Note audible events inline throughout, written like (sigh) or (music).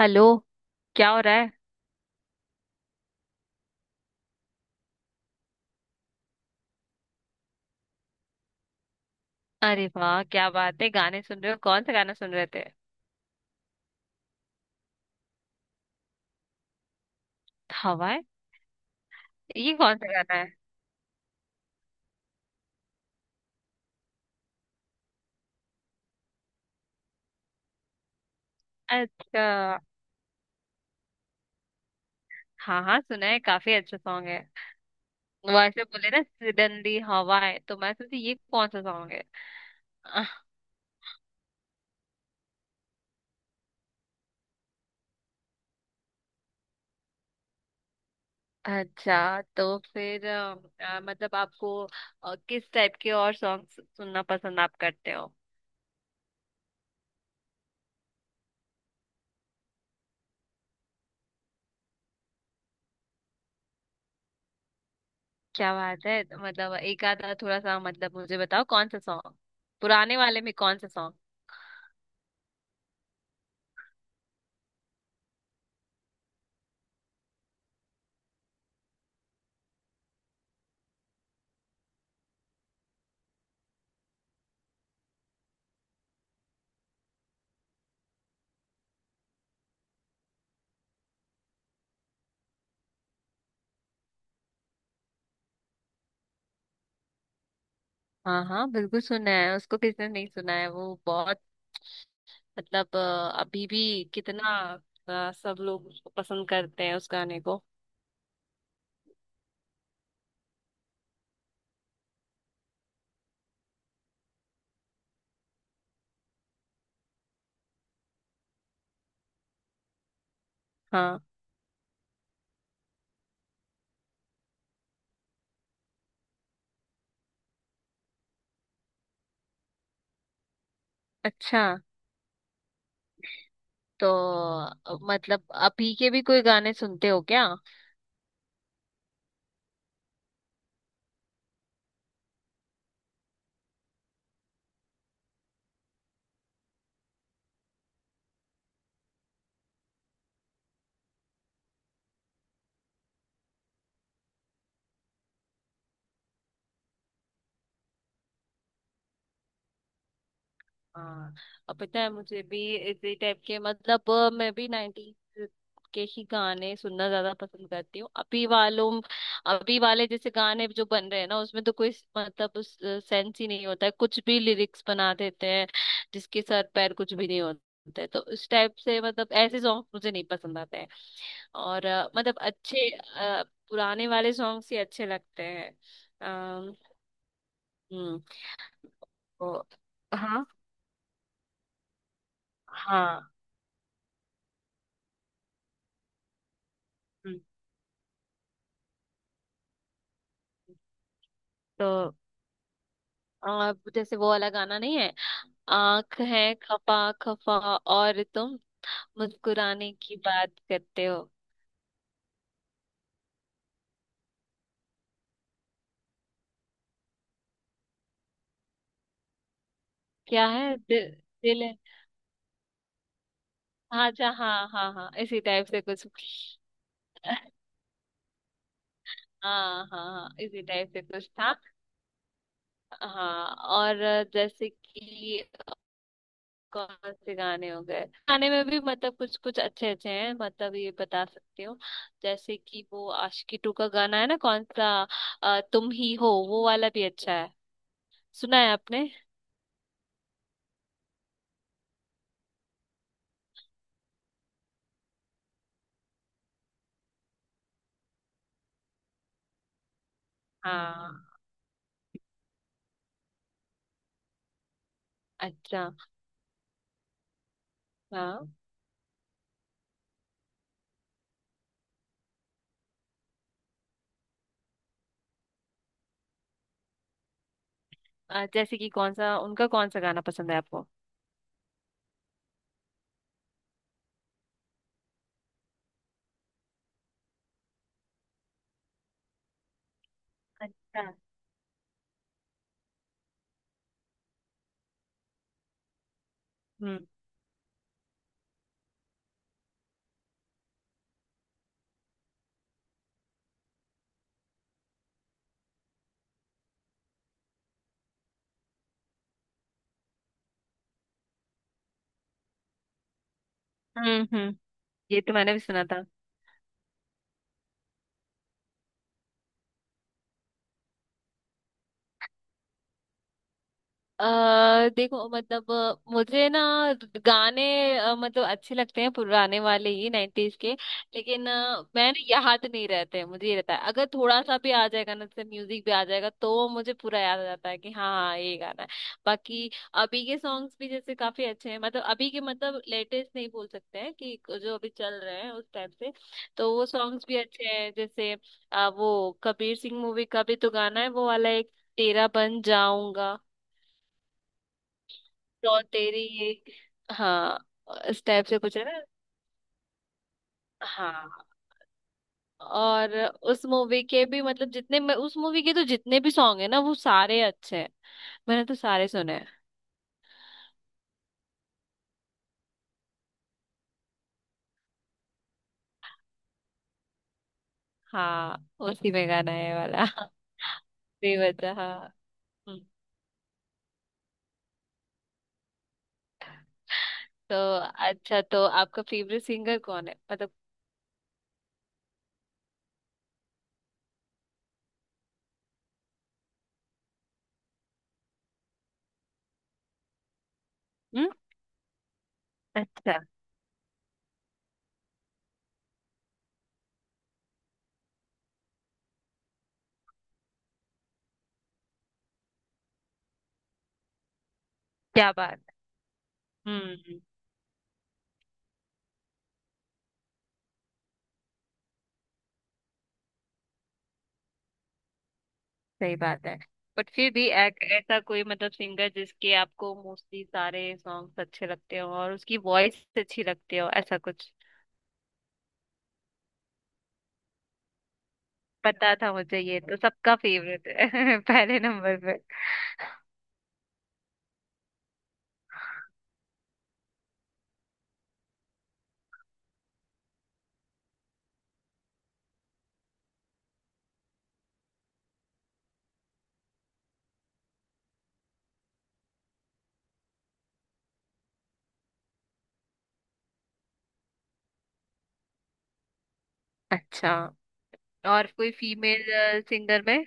Hello. क्या हो रहा है? अरे वाह, क्या बात है! गाने सुन रहे हो? कौन सा गाना सुन रहे थे? हवा है? ये कौन सा गाना है? अच्छा। हाँ हाँ सुना है, काफी अच्छा सॉन्ग है। वैसे बोले ना सिडनली हवा है तो मैं सोची ये कौन सा सॉन्ग है। आह, अच्छा तो फिर, मतलब आपको किस टाइप के और सॉन्ग सुनना पसंद आप करते हो? क्या बात है। तो मतलब एक आधा थोड़ा सा, मतलब मुझे बताओ कौन सा सॉन्ग, पुराने वाले में कौन सा सॉन्ग। हाँ हाँ बिल्कुल सुना है उसको, किसने नहीं सुना है वो। बहुत मतलब अभी भी कितना सब लोग उसको पसंद करते हैं उस गाने को। हाँ। अच्छा तो मतलब अभी के भी कोई गाने सुनते हो क्या? हाँ, अब पता है, मुझे भी इसी टाइप के, मतलब मैं भी नाइनटीज के ही गाने सुनना ज्यादा पसंद करती हूँ। अभी वालों, अभी वाले जैसे गाने जो बन रहे हैं ना उसमें तो कोई मतलब उस सेंस ही नहीं होता है, कुछ भी लिरिक्स बना देते हैं जिसके सर पैर कुछ भी नहीं होते हैं। तो उस टाइप से मतलब ऐसे सॉन्ग मुझे नहीं पसंद आते हैं। और मतलब अच्छे पुराने वाले सॉन्ग्स ही अच्छे लगते हैं। अम्म, हम्म। तो हाँ हाँ। हम्म। तो जैसे वो वाला गाना नहीं है, आंख है खफा खफा और तुम मुस्कुराने की बात करते हो, क्या है दिल, दिल है। हाँ जा, हाँ हाँ हाँ, इसी टाइप से कुछ। हाँ हाँ हाँ, इसी टाइप से कुछ था। हाँ। और जैसे कि कौन से गाने हो गए, गाने में भी मतलब कुछ कुछ अच्छे अच्छे हैं, मतलब ये बता सकती हूँ। जैसे कि वो आशिकी टू का गाना है ना, कौन सा, तुम ही हो वो वाला भी अच्छा है। सुना है आपने? हाँ। अच्छा। हाँ, जैसे कि कौन सा उनका, कौन सा गाना पसंद है आपको? अच्छा। हम्म हम्म। ये तो मैंने भी सुना था। अ देखो मतलब मुझे ना गाने मतलब अच्छे लगते हैं पुराने वाले ही, नाइन्टीज के। लेकिन मैं ना याद नहीं रहते हैं, मुझे ये रहता है, अगर थोड़ा सा भी आ जाएगा ना, जैसे म्यूजिक भी आ जाएगा तो मुझे पूरा याद आ जाता है कि हाँ हाँ, ये गाना है। बाकी अभी के सॉन्ग्स भी जैसे काफी अच्छे हैं, मतलब अभी के, मतलब लेटेस्ट नहीं बोल सकते हैं कि जो अभी चल रहे हैं उस टाइप से, तो वो सॉन्ग्स भी अच्छे हैं। जैसे वो कबीर सिंह मूवी का भी तो गाना है वो वाला एक, तेरा बन जाऊंगा, और तेरी ये, हाँ, स्टेप से पूछे ना। हाँ। और उस मूवी के भी, मतलब जितने, मैं उस मूवी के तो जितने भी सॉन्ग है ना वो सारे अच्छे हैं। मैंने तो सारे सुने हैं। हाँ उसी में गाना है ये वाला (laughs) भी बचा हाँ। हम्म। तो अच्छा, तो आपका फेवरेट सिंगर कौन है मतलब? हम्म। अच्छा, क्या बात है। हम्म। सही बात है। बट फिर भी एक ऐसा कोई, मतलब सिंगर जिसके आपको मोस्टली सारे सॉन्ग्स अच्छे लगते हो और उसकी वॉइस अच्छी लगती हो, ऐसा कुछ? पता था मुझे, ये तो सबका फेवरेट है (laughs) पहले नंबर पे। अच्छा, और कोई फीमेल सिंगर में?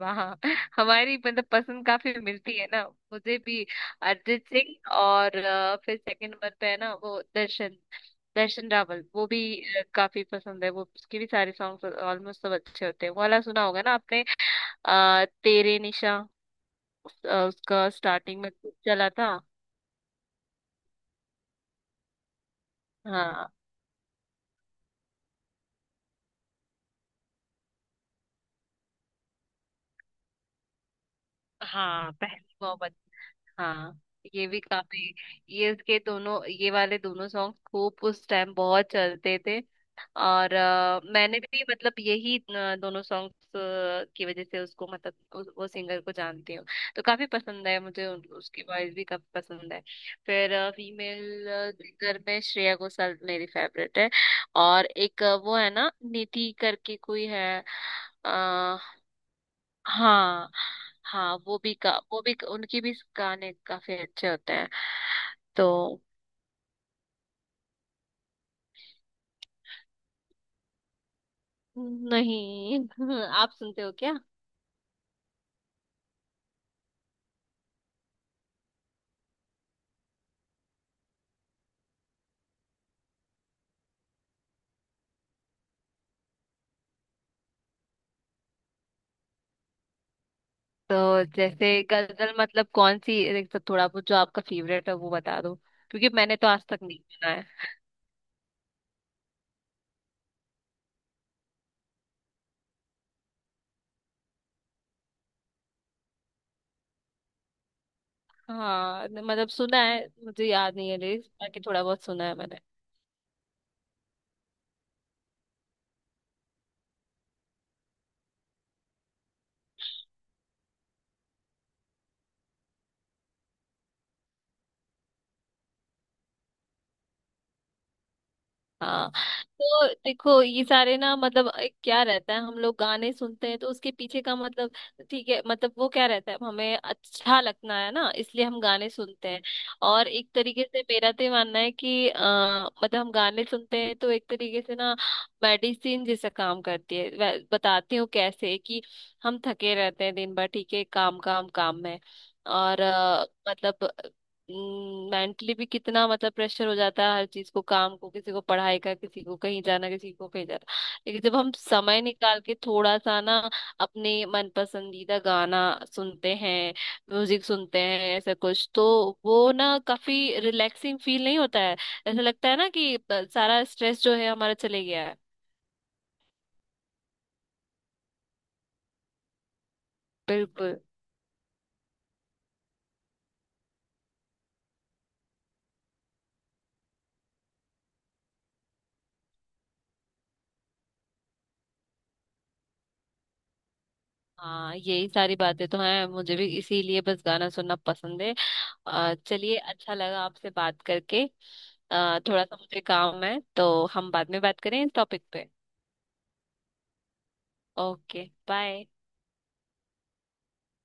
वहाँ (laughs) हमारी मतलब पसंद काफी मिलती है ना। मुझे भी अरिजीत सिंह, और फिर सेकंड नंबर पे है ना वो दर्शन, दर्शन रावल, वो भी काफी पसंद है। वो उसके भी सारे सॉन्ग ऑलमोस्ट सब अच्छे होते हैं। वो वाला सुना होगा ना आपने, तेरे निशा, उसका स्टार्टिंग में खूब चला था। हाँ हाँ पहली मोहब्बत, हाँ। ये भी काफी, ये इसके दोनों, ये वाले दोनों सॉन्ग खूब उस टाइम बहुत चलते थे। और अ, मैंने भी मतलब यही अ, दोनों सॉन्ग्स की वजह से उसको, मतलब उस, वो सिंगर को जानती हूँ। तो काफी पसंद है मुझे उसकी वॉइस भी काफी पसंद है। फिर फीमेल सिंगर में श्रेया घोषाल मेरी फेवरेट है। और एक वो है ना निधि करके कोई है। आ, हाँ, हाँ वो भी का, वो भी, उनकी भी गाने काफी अच्छे होते हैं। तो नहीं (laughs) आप सुनते हो क्या? तो जैसे गजल मतलब कौन सी, एक तो थोड़ा बहुत जो आपका फेवरेट है वो बता दो, क्योंकि मैंने तो आज तक नहीं सुना है। हाँ मतलब सुना है, मुझे याद नहीं है लिरिक्स, बाकी थोड़ा बहुत सुना है मैंने। हाँ। तो देखो ये सारे ना, मतलब एक क्या रहता है, हम लोग गाने सुनते हैं तो उसके पीछे का मतलब, ठीक है, मतलब वो क्या रहता है, हमें अच्छा लगना है ना, इसलिए हम गाने सुनते हैं। और एक तरीके से मेरा तो ये मानना है कि मतलब हम गाने सुनते हैं तो एक तरीके से ना मेडिसिन जैसा काम करती है। बताती हूँ कैसे, कि हम थके रहते हैं दिन भर, ठीक है, काम काम काम में। और मतलब मेंटली भी कितना, मतलब प्रेशर हो जाता है, हर चीज को, काम को, किसी को पढ़ाई का, किसी को कहीं जाना, किसी को कहीं जाना, लेकिन जब हम समय निकाल के थोड़ा सा ना अपने मन पसंदीदा गाना सुनते हैं, म्यूजिक सुनते हैं, ऐसा कुछ, तो वो ना काफी रिलैक्सिंग फील नहीं होता है? ऐसा लगता है ना कि सारा स्ट्रेस जो है हमारा चले गया है। बिल्कुल। हाँ, यही सारी बातें तो हैं मुझे भी, इसीलिए बस गाना सुनना पसंद है। चलिए, अच्छा लगा आपसे बात करके। थोड़ा सा मुझे काम है, तो हम बाद में बात करें इस टॉपिक पे। Okay bye.